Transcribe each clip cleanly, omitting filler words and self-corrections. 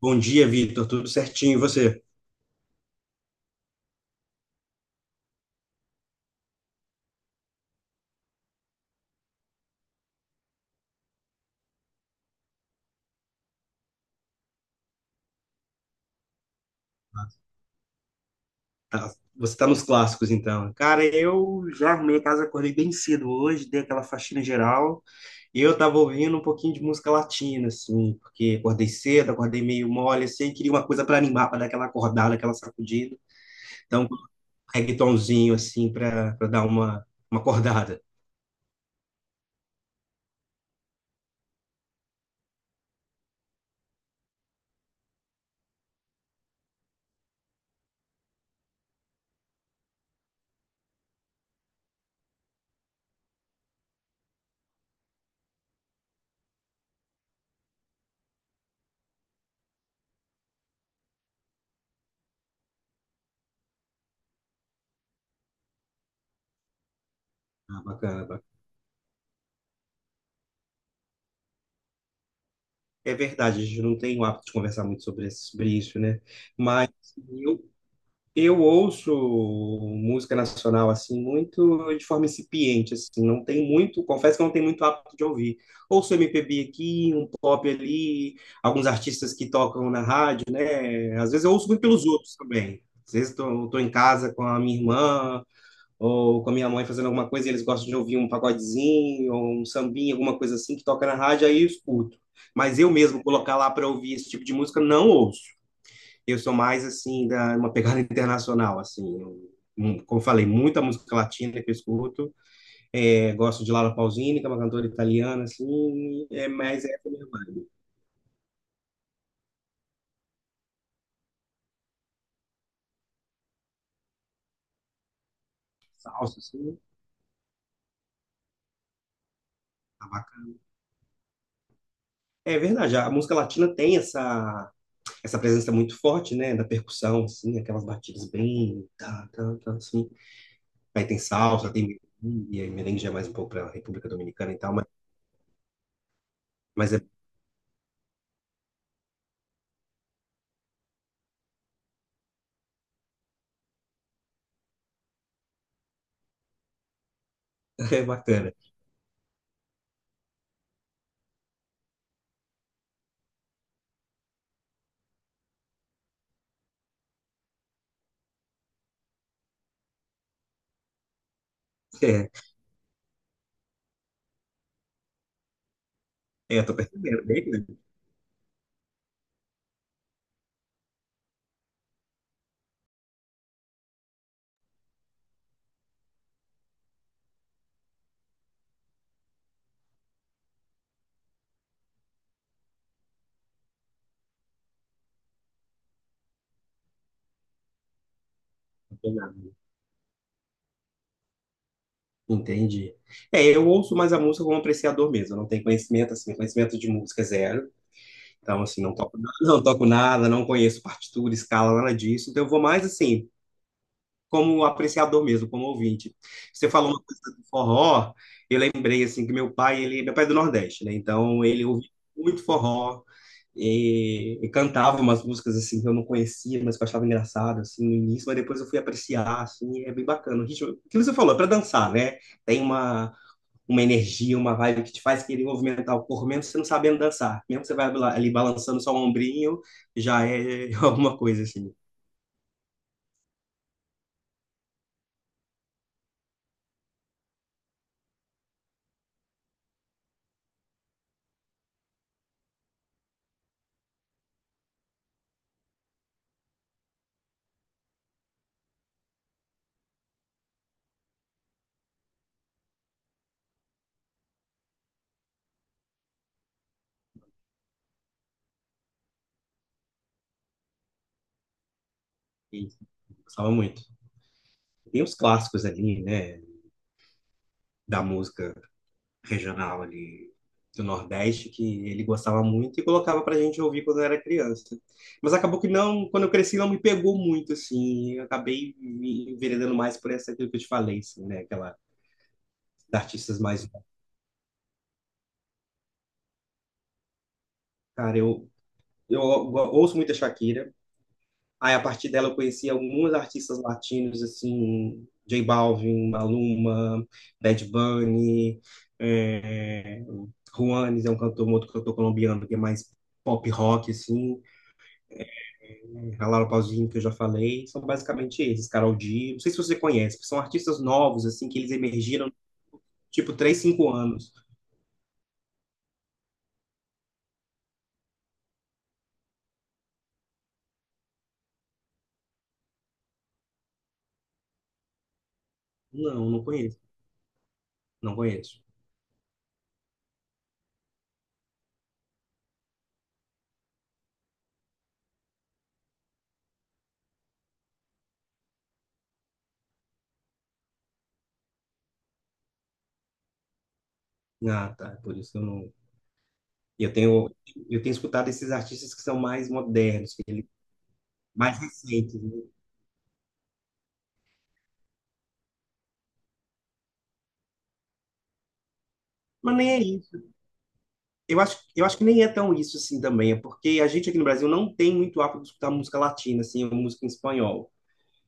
Bom dia, Vitor. Tudo certinho, e você? Tá- Você tá nos clássicos, então. Cara, eu já arrumei a casa, acordei bem cedo hoje, dei aquela faxina geral, e eu tava ouvindo um pouquinho de música latina, assim, porque acordei cedo, acordei meio mole, assim, queria uma coisa para animar, para dar aquela acordada, aquela sacudida. Então, um reggaetonzinho, assim, para dar uma acordada. Ah, bacana, bacana. É verdade, a gente não tem o hábito de conversar muito sobre isso, né? Mas eu Eu ouço música nacional assim muito de forma incipiente, assim, não tem muito, confesso que não tem muito hábito de ouvir. Ouço MPB aqui, um pop ali, alguns artistas que tocam na rádio, né? Às vezes eu ouço muito pelos outros também. Às vezes estou em casa com a minha irmã ou com a minha mãe fazendo alguma coisa e eles gostam de ouvir um pagodezinho ou um sambinha, alguma coisa assim que toca na rádio, aí eu escuto. Mas eu mesmo colocar lá para ouvir esse tipo de música não ouço. Eu sou mais, assim, da, uma pegada internacional, assim. Eu, como falei, muita música latina que eu escuto. É, gosto de Laura Pausini, que é uma cantora italiana, assim. É mais essa minha vibe. Salsa, assim, tá bacana. É verdade, a música latina tem essa, essa presença muito forte, né? Da percussão, assim, aquelas batidas bem, tá, tá, tá, assim. Aí tem salsa, tem merengue, merengue já é mais um pouco para a República Dominicana e tal, mas é, é bacana. É, eu tô percebendo, bem, né? Entendi. É, eu ouço mais a música como apreciador mesmo, eu não tenho conhecimento, assim, conhecimento de música é zero. Então, assim, não toco nada, não toco nada, não conheço partitura, escala, nada disso. Então, eu vou mais, assim, como apreciador mesmo, como ouvinte. Você falou uma coisa do forró, eu lembrei, assim, que meu pai, meu pai é do Nordeste, né? Então, ele ouvia muito forró e cantava umas músicas, assim, que eu não conhecia, mas que eu achava engraçado, assim, no início, mas depois eu fui apreciar, assim, e é bem bacana. O ritmo, aquilo que você falou, é pra dançar, né? Tem uma energia, uma vibe que te faz querer movimentar o corpo, mesmo você não sabendo dançar. Mesmo você ali balançando só o ombrinho, já é alguma coisa assim. E gostava muito. Tem os clássicos ali, né, da música regional ali do Nordeste que ele gostava muito e colocava pra gente ouvir quando eu era criança. Mas acabou que não, quando eu cresci não me pegou muito assim, eu acabei me enveredando mais por essa aquilo que eu te falei, assim, né, aquela artistas mais, cara, eu ouço muita Shakira. Aí, a partir dela, eu conheci alguns artistas latinos, assim, J Balvin, Maluma, Bad Bunny, é, Juanes é um cantor, um outro cantor colombiano que é mais pop rock, assim, a Laura Pausini, que eu já falei, são basicamente esses, Karol G, não sei se você conhece, são artistas novos, assim, que eles emergiram, tipo, 3 5 anos. Não, não conheço, não conheço. Ah, tá, por isso que eu não. E eu tenho escutado esses artistas que são mais modernos, mais recentes, né? Mas nem é isso. Eu acho que nem é tão isso assim também, é porque a gente aqui no Brasil não tem muito hábito de escutar música latina, assim, ou música em espanhol.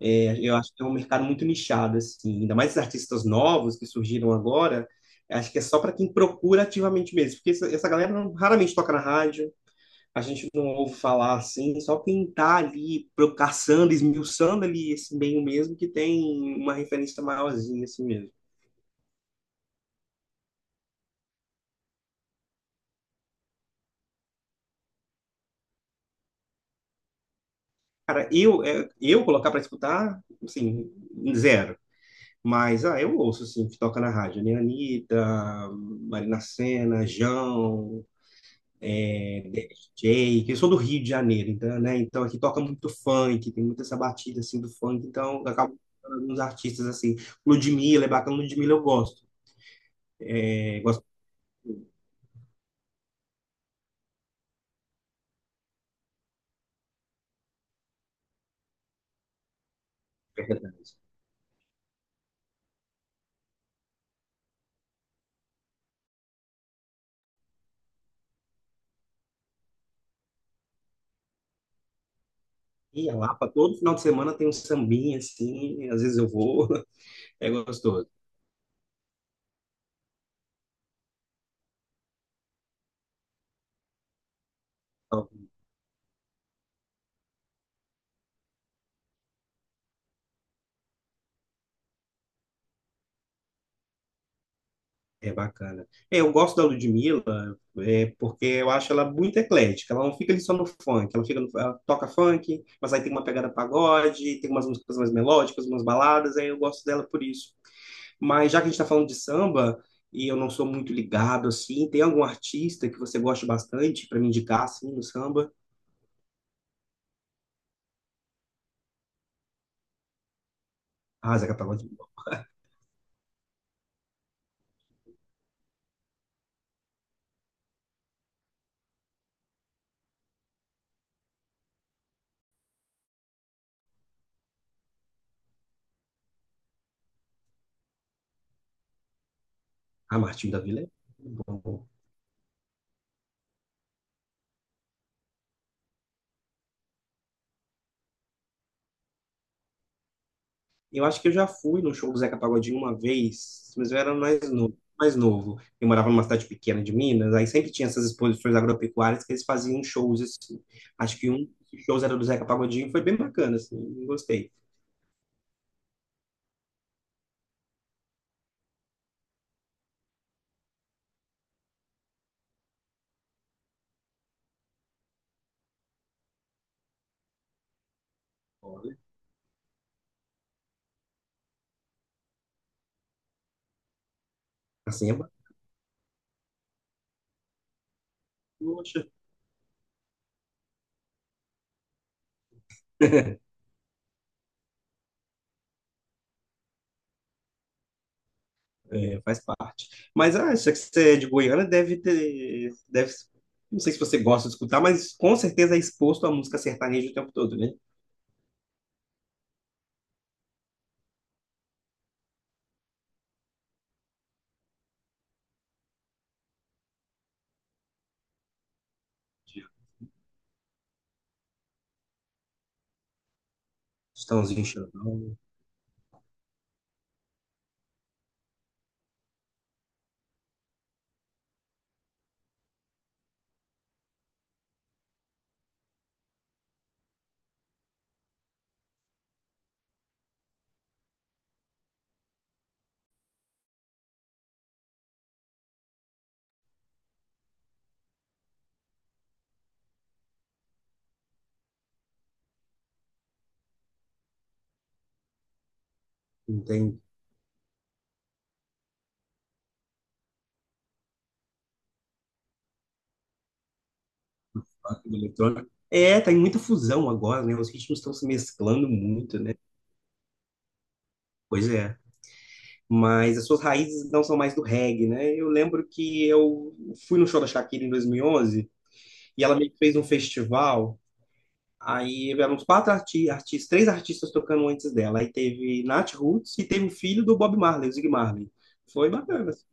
É, eu acho que é um mercado muito nichado, assim, ainda mais os artistas novos que surgiram agora, acho que é só para quem procura ativamente mesmo, porque essa galera raramente toca na rádio, a gente não ouve falar assim, só quem tá ali caçando, esmiuçando ali esse meio mesmo, que tem uma referência maiorzinha assim mesmo. Cara, eu colocar para escutar, assim, zero. Mas, ah, eu ouço, assim, o que toca na rádio, né? Anitta, Marina Sena, Jão, é, DJ, que eu sou do Rio de Janeiro, então, né? Então, aqui toca muito funk, tem muita essa batida, assim, do funk, então, eu acabo escutando alguns artistas, assim, Ludmilla, é bacana, Ludmilla eu gosto, é, gosto de verdade. E a Lapa, todo final de semana tem um sambinha, assim, às vezes eu vou, é gostoso. É bacana. É, eu gosto da Ludmilla, é, porque eu acho ela muito eclética. Ela não fica ali só no funk, ela fica no- ela toca funk, mas aí tem uma pegada pagode, tem umas músicas mais melódicas, umas baladas, aí eu gosto dela por isso. Mas já que a gente está falando de samba, e eu não sou muito ligado assim, tem algum artista que você gosta bastante para me indicar assim no samba? Ah, Zeca Pagodinho. Ah, Martinho da Vila é bom. Eu acho que eu já fui no show do Zeca Pagodinho uma vez, mas eu era mais novo. Eu morava numa cidade pequena de Minas, aí sempre tinha essas exposições agropecuárias que eles faziam shows assim. Acho que um dos shows era do Zeca Pagodinho, foi bem bacana, assim, eu gostei. Olha, assim é bacana, poxa. É, faz parte. Mas ah, acho que você é de Goiânia, deve ter, deve, não sei se você gosta de escutar, mas com certeza é exposto à música sertaneja o tempo todo, né? Estãozinho Chorão, não do eletrônico. É, tá em muita fusão agora, né? Os ritmos estão se mesclando muito, né? Pois é. Mas as suas raízes não são mais do reggae, né? Eu lembro que eu fui no show da Shakira em 2011 e ela meio que fez um festival. Aí eram uns quatro arti artistas, três artistas tocando antes dela. Aí teve Nat Roots e teve o filho do Bob Marley, o Zig Marley. Foi bacana, assim.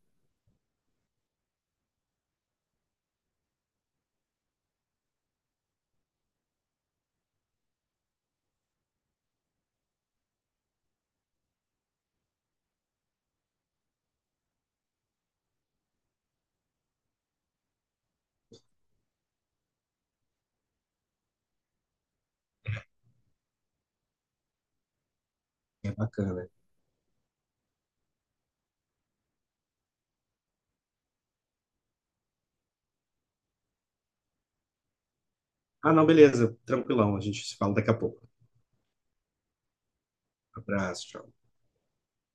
É bacana. Ah, não, beleza. Tranquilão. A gente se fala daqui a pouco. Abraço, tchau.